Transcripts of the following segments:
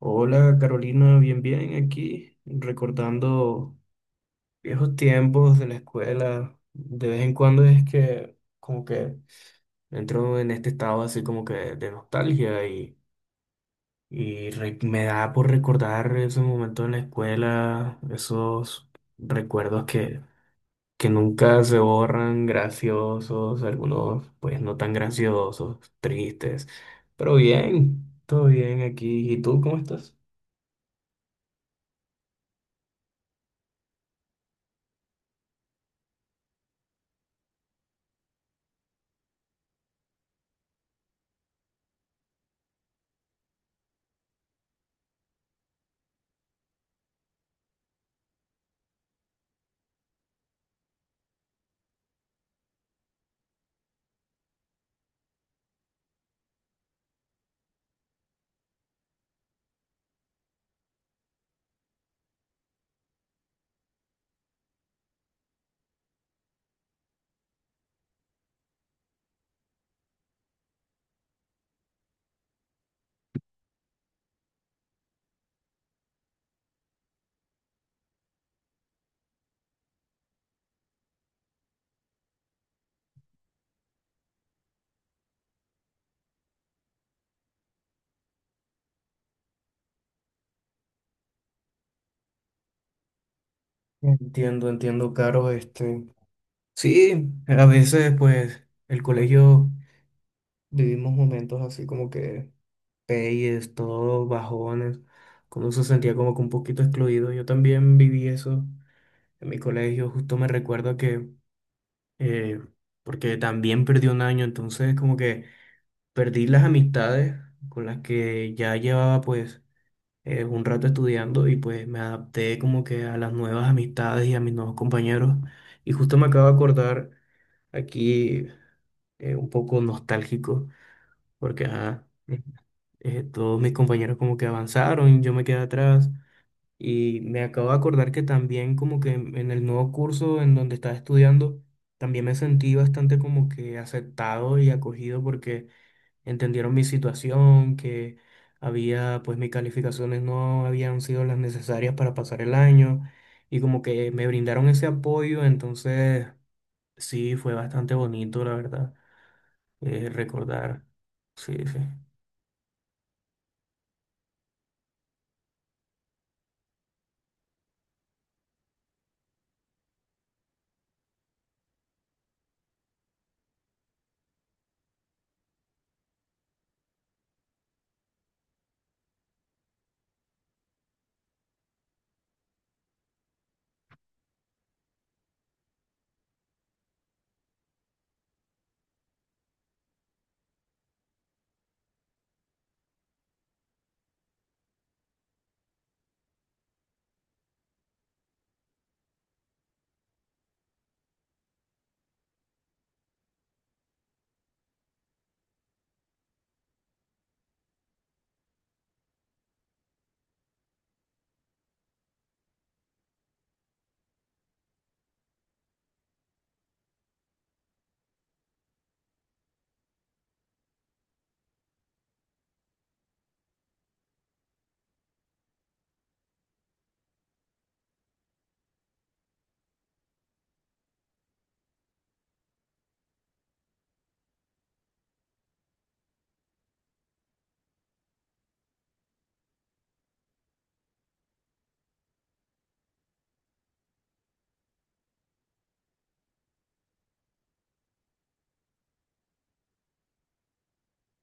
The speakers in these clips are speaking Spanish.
Hola Carolina, bien, bien, aquí recordando viejos tiempos de la escuela. De vez en cuando es que como que entro en este estado así como que de nostalgia y me da por recordar esos momentos en la escuela, esos recuerdos que nunca se borran, graciosos, algunos pues no tan graciosos, tristes, pero bien, todo bien aquí. ¿Y tú cómo estás? Entiendo, entiendo, Caro, este. Sí, a veces, pues, el colegio vivimos momentos así como que peyes, todos bajones, como se sentía como que un poquito excluido. Yo también viví eso en mi colegio, justo me recuerdo que, eh, porque también perdí un año, entonces como que perdí las amistades con las que ya llevaba, pues, un rato estudiando y pues me adapté como que a las nuevas amistades y a mis nuevos compañeros. Y justo me acabo de acordar aquí, un poco nostálgico porque ajá, todos mis compañeros como que avanzaron, yo me quedé atrás y me acabo de acordar que también como que en el nuevo curso en donde estaba estudiando, también me sentí bastante como que aceptado y acogido porque entendieron mi situación, que había, pues mis calificaciones no habían sido las necesarias para pasar el año y como que me brindaron ese apoyo. Entonces sí, fue bastante bonito, la verdad, recordar. Sí, sí.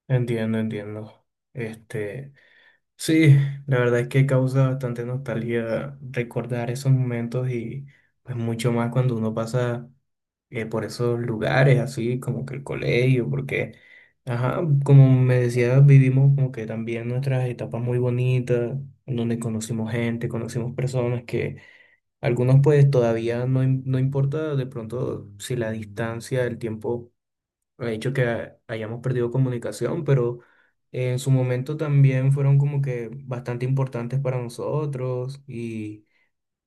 Entiendo, entiendo. Este, sí, la verdad es que causa bastante nostalgia recordar esos momentos y pues mucho más cuando uno pasa, por esos lugares, así como que el colegio, porque, ajá, como me decía, vivimos como que también nuestras etapas muy bonitas, en donde conocimos gente, conocimos personas que algunos pues todavía no importa de pronto si la distancia, el tiempo ha hecho que hayamos perdido comunicación, pero en su momento también fueron como que bastante importantes para nosotros y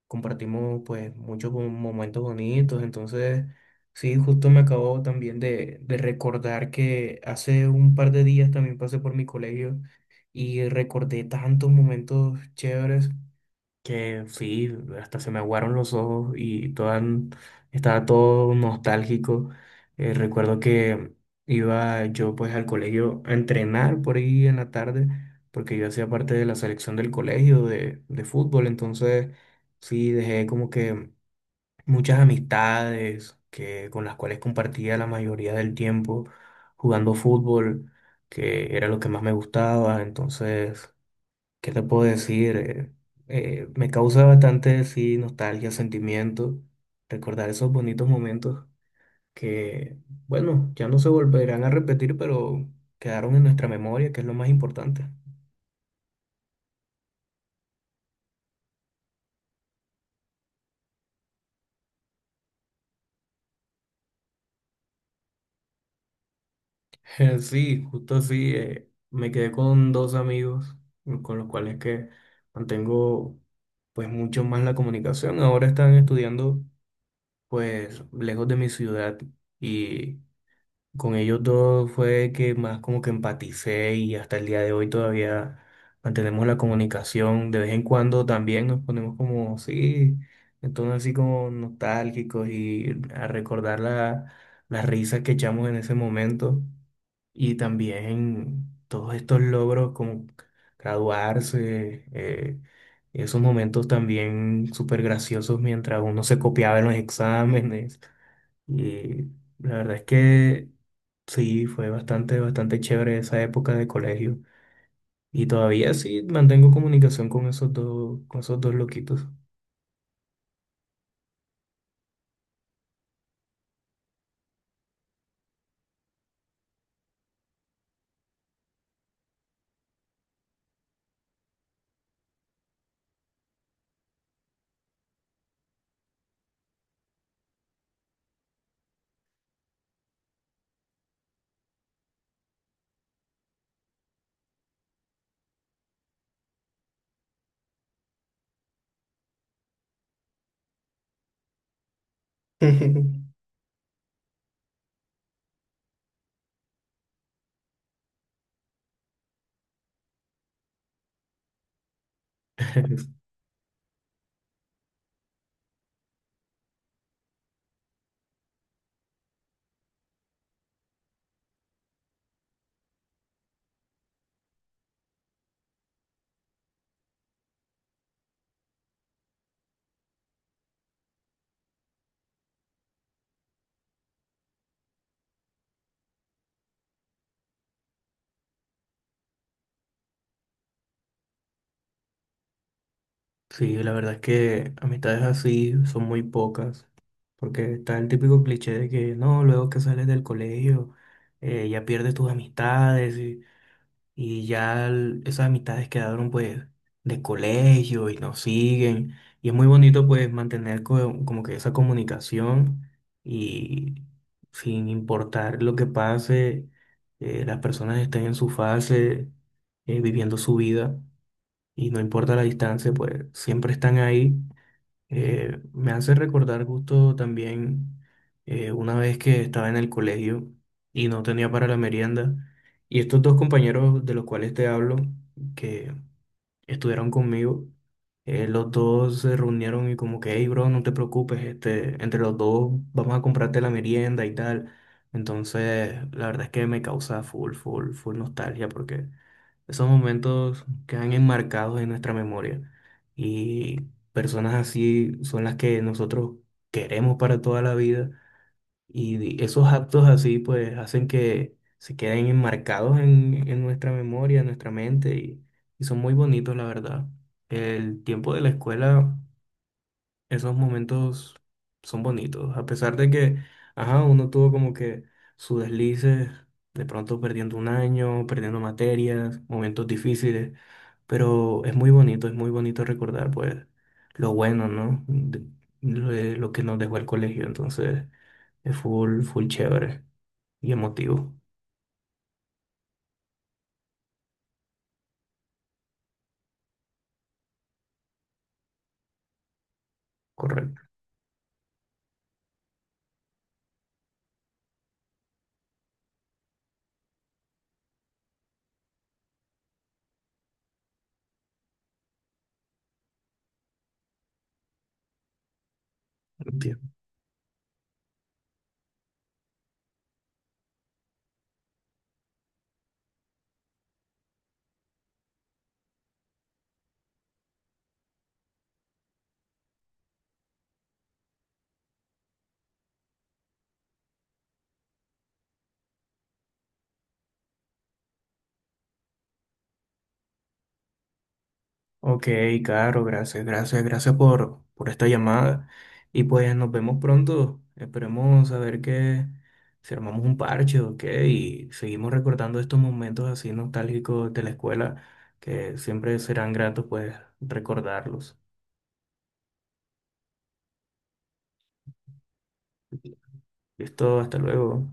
compartimos pues muchos momentos bonitos. Entonces, sí, justo me acabo también de recordar que hace un par de días también pasé por mi colegio y recordé tantos momentos chéveres. Que sí, hasta se me aguaron los ojos y toda, estaba todo nostálgico. Recuerdo que iba yo pues al colegio a entrenar por ahí en la tarde, porque yo hacía parte de la selección del colegio de fútbol. Entonces sí, dejé como que muchas amistades que, con las cuales compartía la mayoría del tiempo jugando fútbol, que era lo que más me gustaba, entonces... ¿Qué te puedo decir? Me causa bastante, sí, nostalgia, sentimiento, recordar esos bonitos momentos que, bueno, ya no se volverán a repetir, pero quedaron en nuestra memoria, que es lo más importante. Sí, justo así, me quedé con dos amigos con los cuales que mantengo pues mucho más la comunicación. Ahora están estudiando pues lejos de mi ciudad y... Con ellos dos fue que más como que empaticé y hasta el día de hoy todavía mantenemos la comunicación. De vez en cuando también nos ponemos como, sí, en tono así como nostálgicos y a recordar la, las risas que echamos en ese momento. Y también todos estos logros como graduarse, esos momentos también súper graciosos mientras uno se copiaba en los exámenes. Y la verdad es que... Sí, fue bastante, bastante chévere esa época de colegio. Y todavía sí mantengo comunicación con esos dos loquitos. Sí, la verdad es que amistades así son muy pocas, porque está el típico cliché de que no, luego que sales del colegio, ya pierdes tus amistades y ya esas amistades quedaron pues de colegio y nos siguen. Y es muy bonito pues mantener como que esa comunicación y sin importar lo que pase, las personas estén en su fase, viviendo su vida y no importa la distancia, pues siempre están ahí. Me hace recordar justo también, una vez que estaba en el colegio y no tenía para la merienda. Y estos dos compañeros de los cuales te hablo, que estuvieron conmigo, los dos se reunieron y como que, hey, bro, no te preocupes, este, entre los dos vamos a comprarte la merienda y tal. Entonces, la verdad es que me causa full, full, full nostalgia porque esos momentos quedan enmarcados en nuestra memoria y personas así son las que nosotros queremos para toda la vida y esos actos así pues hacen que se queden enmarcados en nuestra memoria, en nuestra mente y son muy bonitos la verdad. El tiempo de la escuela, esos momentos son bonitos, a pesar de que, ajá, uno tuvo como que sus deslices, de pronto perdiendo un año, perdiendo materias, momentos difíciles, pero es muy bonito recordar, pues, lo bueno, ¿no? Lo que nos dejó el colegio. Entonces es full, full chévere y emotivo, correcto. Ok, Caro, gracias, gracias, gracias por esta llamada. Y pues nos vemos pronto. Esperemos a ver que si armamos un parche, ok, y seguimos recordando estos momentos así nostálgicos de la escuela, que siempre serán gratos pues recordarlos. Listo, hasta luego.